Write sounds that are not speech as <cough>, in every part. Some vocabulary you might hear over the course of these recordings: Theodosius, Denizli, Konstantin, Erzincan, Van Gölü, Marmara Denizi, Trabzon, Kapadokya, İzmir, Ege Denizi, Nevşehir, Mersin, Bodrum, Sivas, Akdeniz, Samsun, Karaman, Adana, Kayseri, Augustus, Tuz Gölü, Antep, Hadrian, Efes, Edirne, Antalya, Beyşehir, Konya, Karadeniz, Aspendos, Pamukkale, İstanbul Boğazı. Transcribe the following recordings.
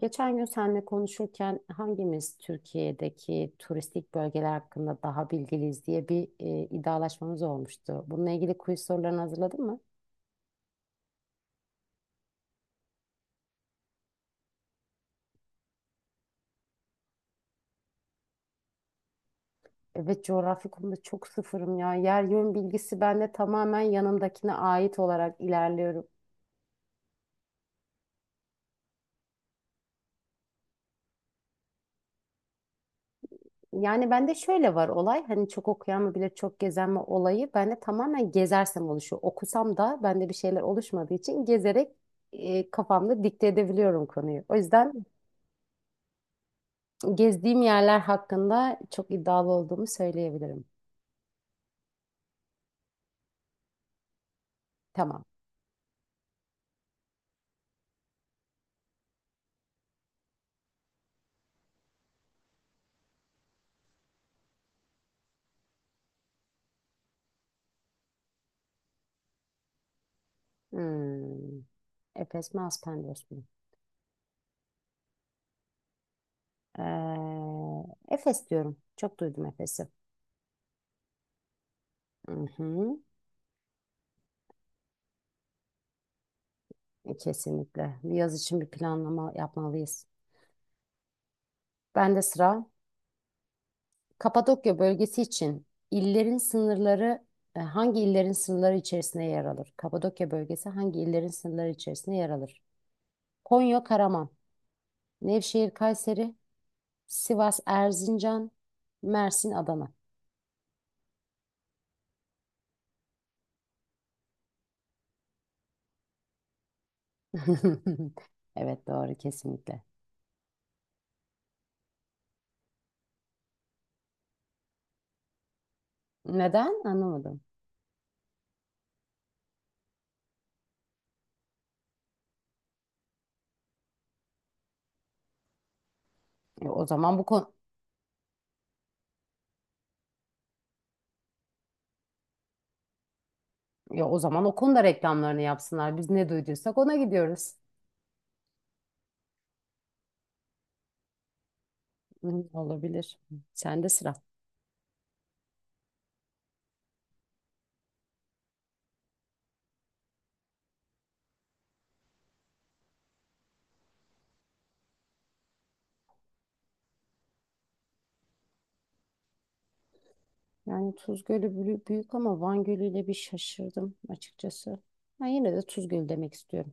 Geçen gün seninle konuşurken hangimiz Türkiye'deki turistik bölgeler hakkında daha bilgiliyiz diye iddialaşmamız olmuştu. Bununla ilgili quiz sorularını hazırladın mı? Evet, coğrafya konuda çok sıfırım ya. Yer yön bilgisi bende tamamen yanımdakine ait olarak ilerliyorum. Yani bende şöyle var olay, hani çok okuyan mı bilir çok gezen mi olayı, bende tamamen gezersem oluşuyor. Okusam da bende bir şeyler oluşmadığı için gezerek kafamda dikte edebiliyorum konuyu. O yüzden gezdiğim yerler hakkında çok iddialı olduğumu söyleyebilirim. Tamam. Hmm. Efes mi, Aspendos mu? Efes diyorum. Çok duydum Efes'i. Hı hı. E, Kesinlikle. Bir yaz için bir planlama yapmalıyız. Ben de sıra. Kapadokya bölgesi için illerin sınırları, hangi illerin sınırları içerisinde yer alır? Kapadokya bölgesi hangi illerin sınırları içerisinde yer alır? Konya, Karaman, Nevşehir, Kayseri, Sivas, Erzincan, Mersin, Adana. <laughs> Evet, doğru kesinlikle. Neden? Anlamadım. O zaman bu konu, ya o zaman o konuda reklamlarını yapsınlar. Biz ne duyduysak ona gidiyoruz. Hı, olabilir. Sen de sıra. Yani Tuz Gölü büyük ama Van Gölü ile bir şaşırdım açıkçası. Ben yine de Tuz Gölü demek istiyorum.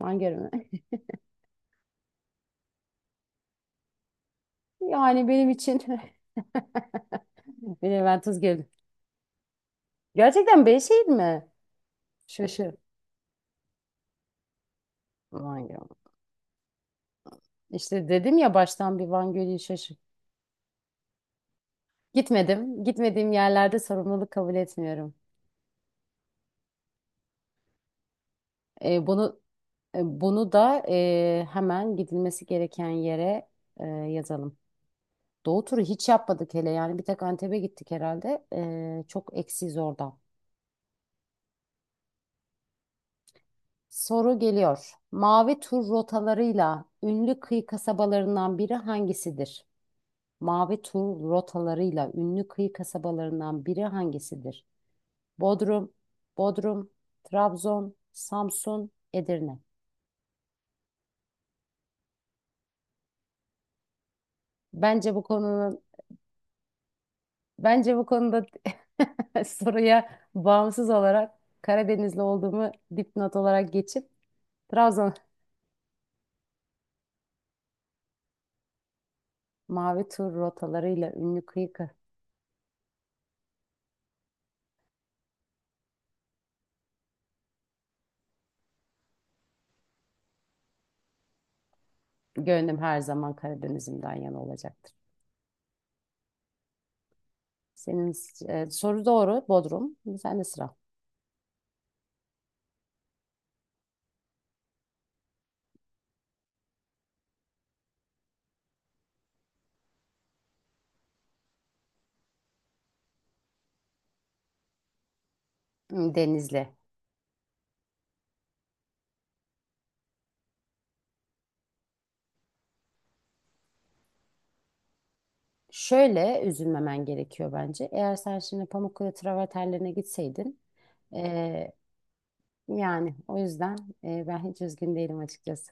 Van Gölü mü? <laughs> Yani benim için <laughs> bileven Tuz Gölü. Gerçekten Beyşehir mi? Şaşır. Van Gölü. İşte dedim ya baştan bir Van Gölü'yü şaşır. Gitmedim. Gitmediğim yerlerde sorumluluk kabul etmiyorum. E, bunu bunu da hemen gidilmesi gereken yere yazalım. Doğu turu hiç yapmadık hele, yani bir tek Antep'e gittik herhalde. Çok eksiz oradan. Soru geliyor. Mavi tur rotalarıyla ünlü kıyı kasabalarından biri hangisidir? Mavi tur rotalarıyla ünlü kıyı kasabalarından biri hangisidir? Bodrum, Bodrum, Trabzon, Samsun, Edirne. Bence bu konunun Bence bu konuda <laughs> soruya bağımsız olarak Karadenizli olduğumu dipnot olarak geçip Trabzon. <laughs> Mavi tur rotalarıyla ünlü gönlüm her zaman Karadeniz'imden yana olacaktır. Senin soru doğru, Bodrum. Sen de sıra. Denizli. Şöyle üzülmemen gerekiyor bence. Eğer sen şimdi Pamukkale travertenlerine gitseydin, e, Yani o yüzden ben hiç üzgün değilim açıkçası.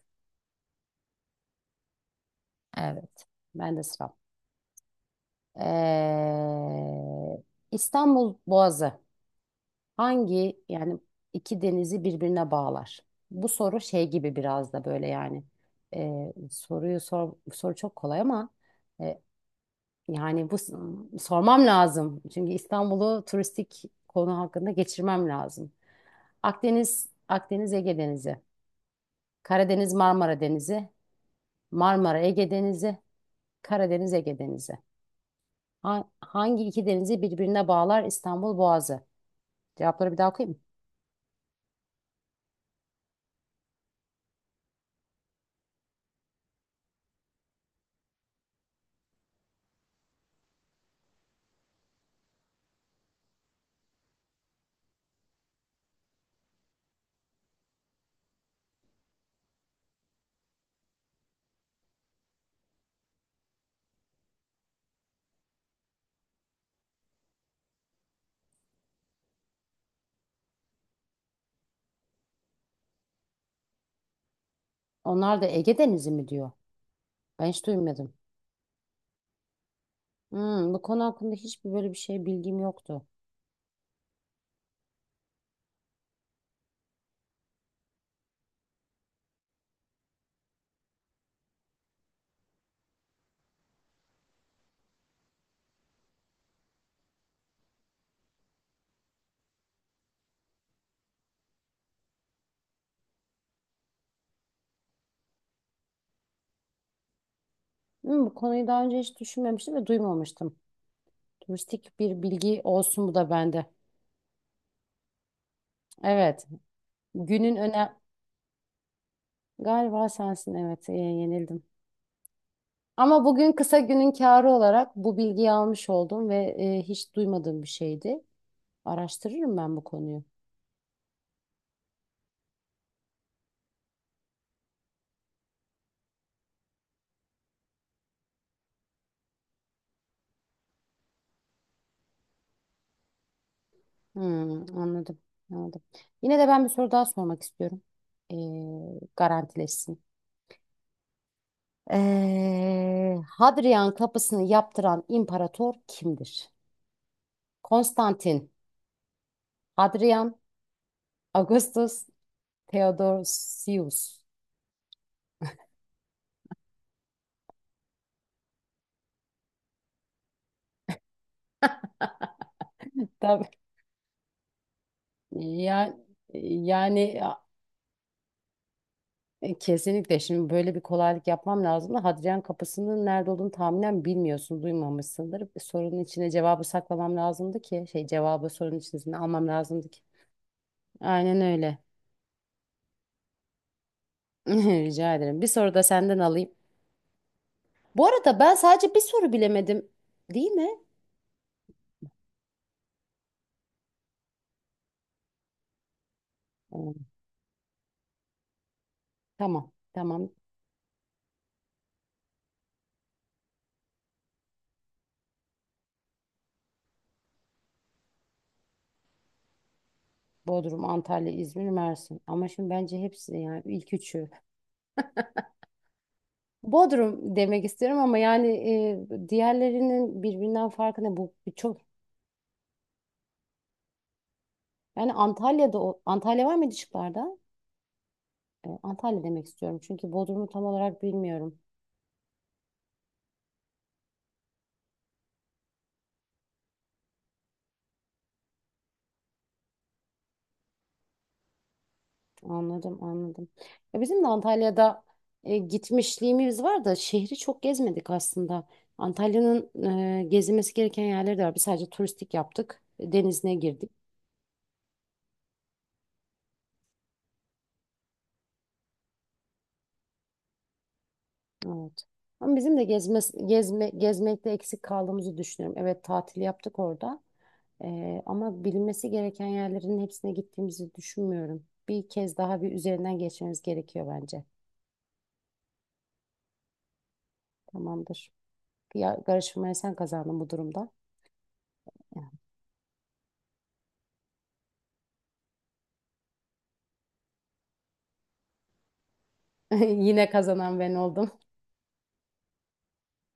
Evet. Ben de sıram. Ee, İstanbul Boğazı hangi yani iki denizi birbirine bağlar? Bu soru şey gibi biraz da, böyle yani, soruyu sor, soru çok kolay ama, e, yani bu s- sormam lazım. Çünkü İstanbul'u turistik konu hakkında geçirmem lazım. Akdeniz, Akdeniz Ege Denizi, Karadeniz Marmara Denizi, Marmara Ege Denizi, Karadeniz, Ege Denizi. Hangi iki denizi birbirine bağlar İstanbul Boğazı? Cevapları bir daha okuyayım mı? Onlar da Ege Denizi mi diyor? Ben hiç duymadım. Hmm, bu konu hakkında hiçbir böyle bir şey bilgim yoktu. Hmm, bu konuyu daha önce hiç düşünmemiştim ve duymamıştım. Turistik bir bilgi olsun bu da bende. Evet. Günün öne... Galiba sensin, evet. Yenildim. Ama bugün kısa günün kârı olarak bu bilgiyi almış oldum ve hiç duymadığım bir şeydi. Araştırırım ben bu konuyu. Hmm, anladım, anladım. Yine de ben bir soru daha sormak istiyorum. Garantileşsin. Hadrian kapısını yaptıran imparator kimdir? Konstantin, Hadrian, Augustus, Theodosius. Tabii. Ya, yani kesinlikle şimdi böyle bir kolaylık yapmam lazım da Hadrian kapısının nerede olduğunu tahminen bilmiyorsun, duymamışsındır. Sorunun içine cevabı saklamam lazımdı ki, şey, cevabı sorunun içine almam lazımdı ki. Aynen öyle. <laughs> Rica ederim. Bir soru da senden alayım. Bu arada ben sadece bir soru bilemedim. Değil mi? Hmm. Tamam. Tamam. Bodrum, Antalya, İzmir, Mersin. Ama şimdi bence hepsi, yani ilk üçü. Bodrum demek istiyorum ama yani, diğerlerinin birbirinden farkı ne? Bu çok, yani Antalya'da, Antalya var mıydı şıklarda? Antalya demek istiyorum. Çünkü Bodrum'u tam olarak bilmiyorum. Anladım, anladım. Ya bizim de Antalya'da gitmişliğimiz var da şehri çok gezmedik aslında. Antalya'nın gezilmesi gereken yerleri de var. Biz sadece turistik yaptık. Denizine girdik. Evet. Ama bizim de gezmekte eksik kaldığımızı düşünüyorum. Evet, tatil yaptık orada. Ama bilinmesi gereken yerlerin hepsine gittiğimizi düşünmüyorum. Bir kez daha bir üzerinden geçmemiz gerekiyor bence. Tamamdır. Ya, karışmaya sen kazandın bu durumda. <laughs> Yine kazanan ben oldum.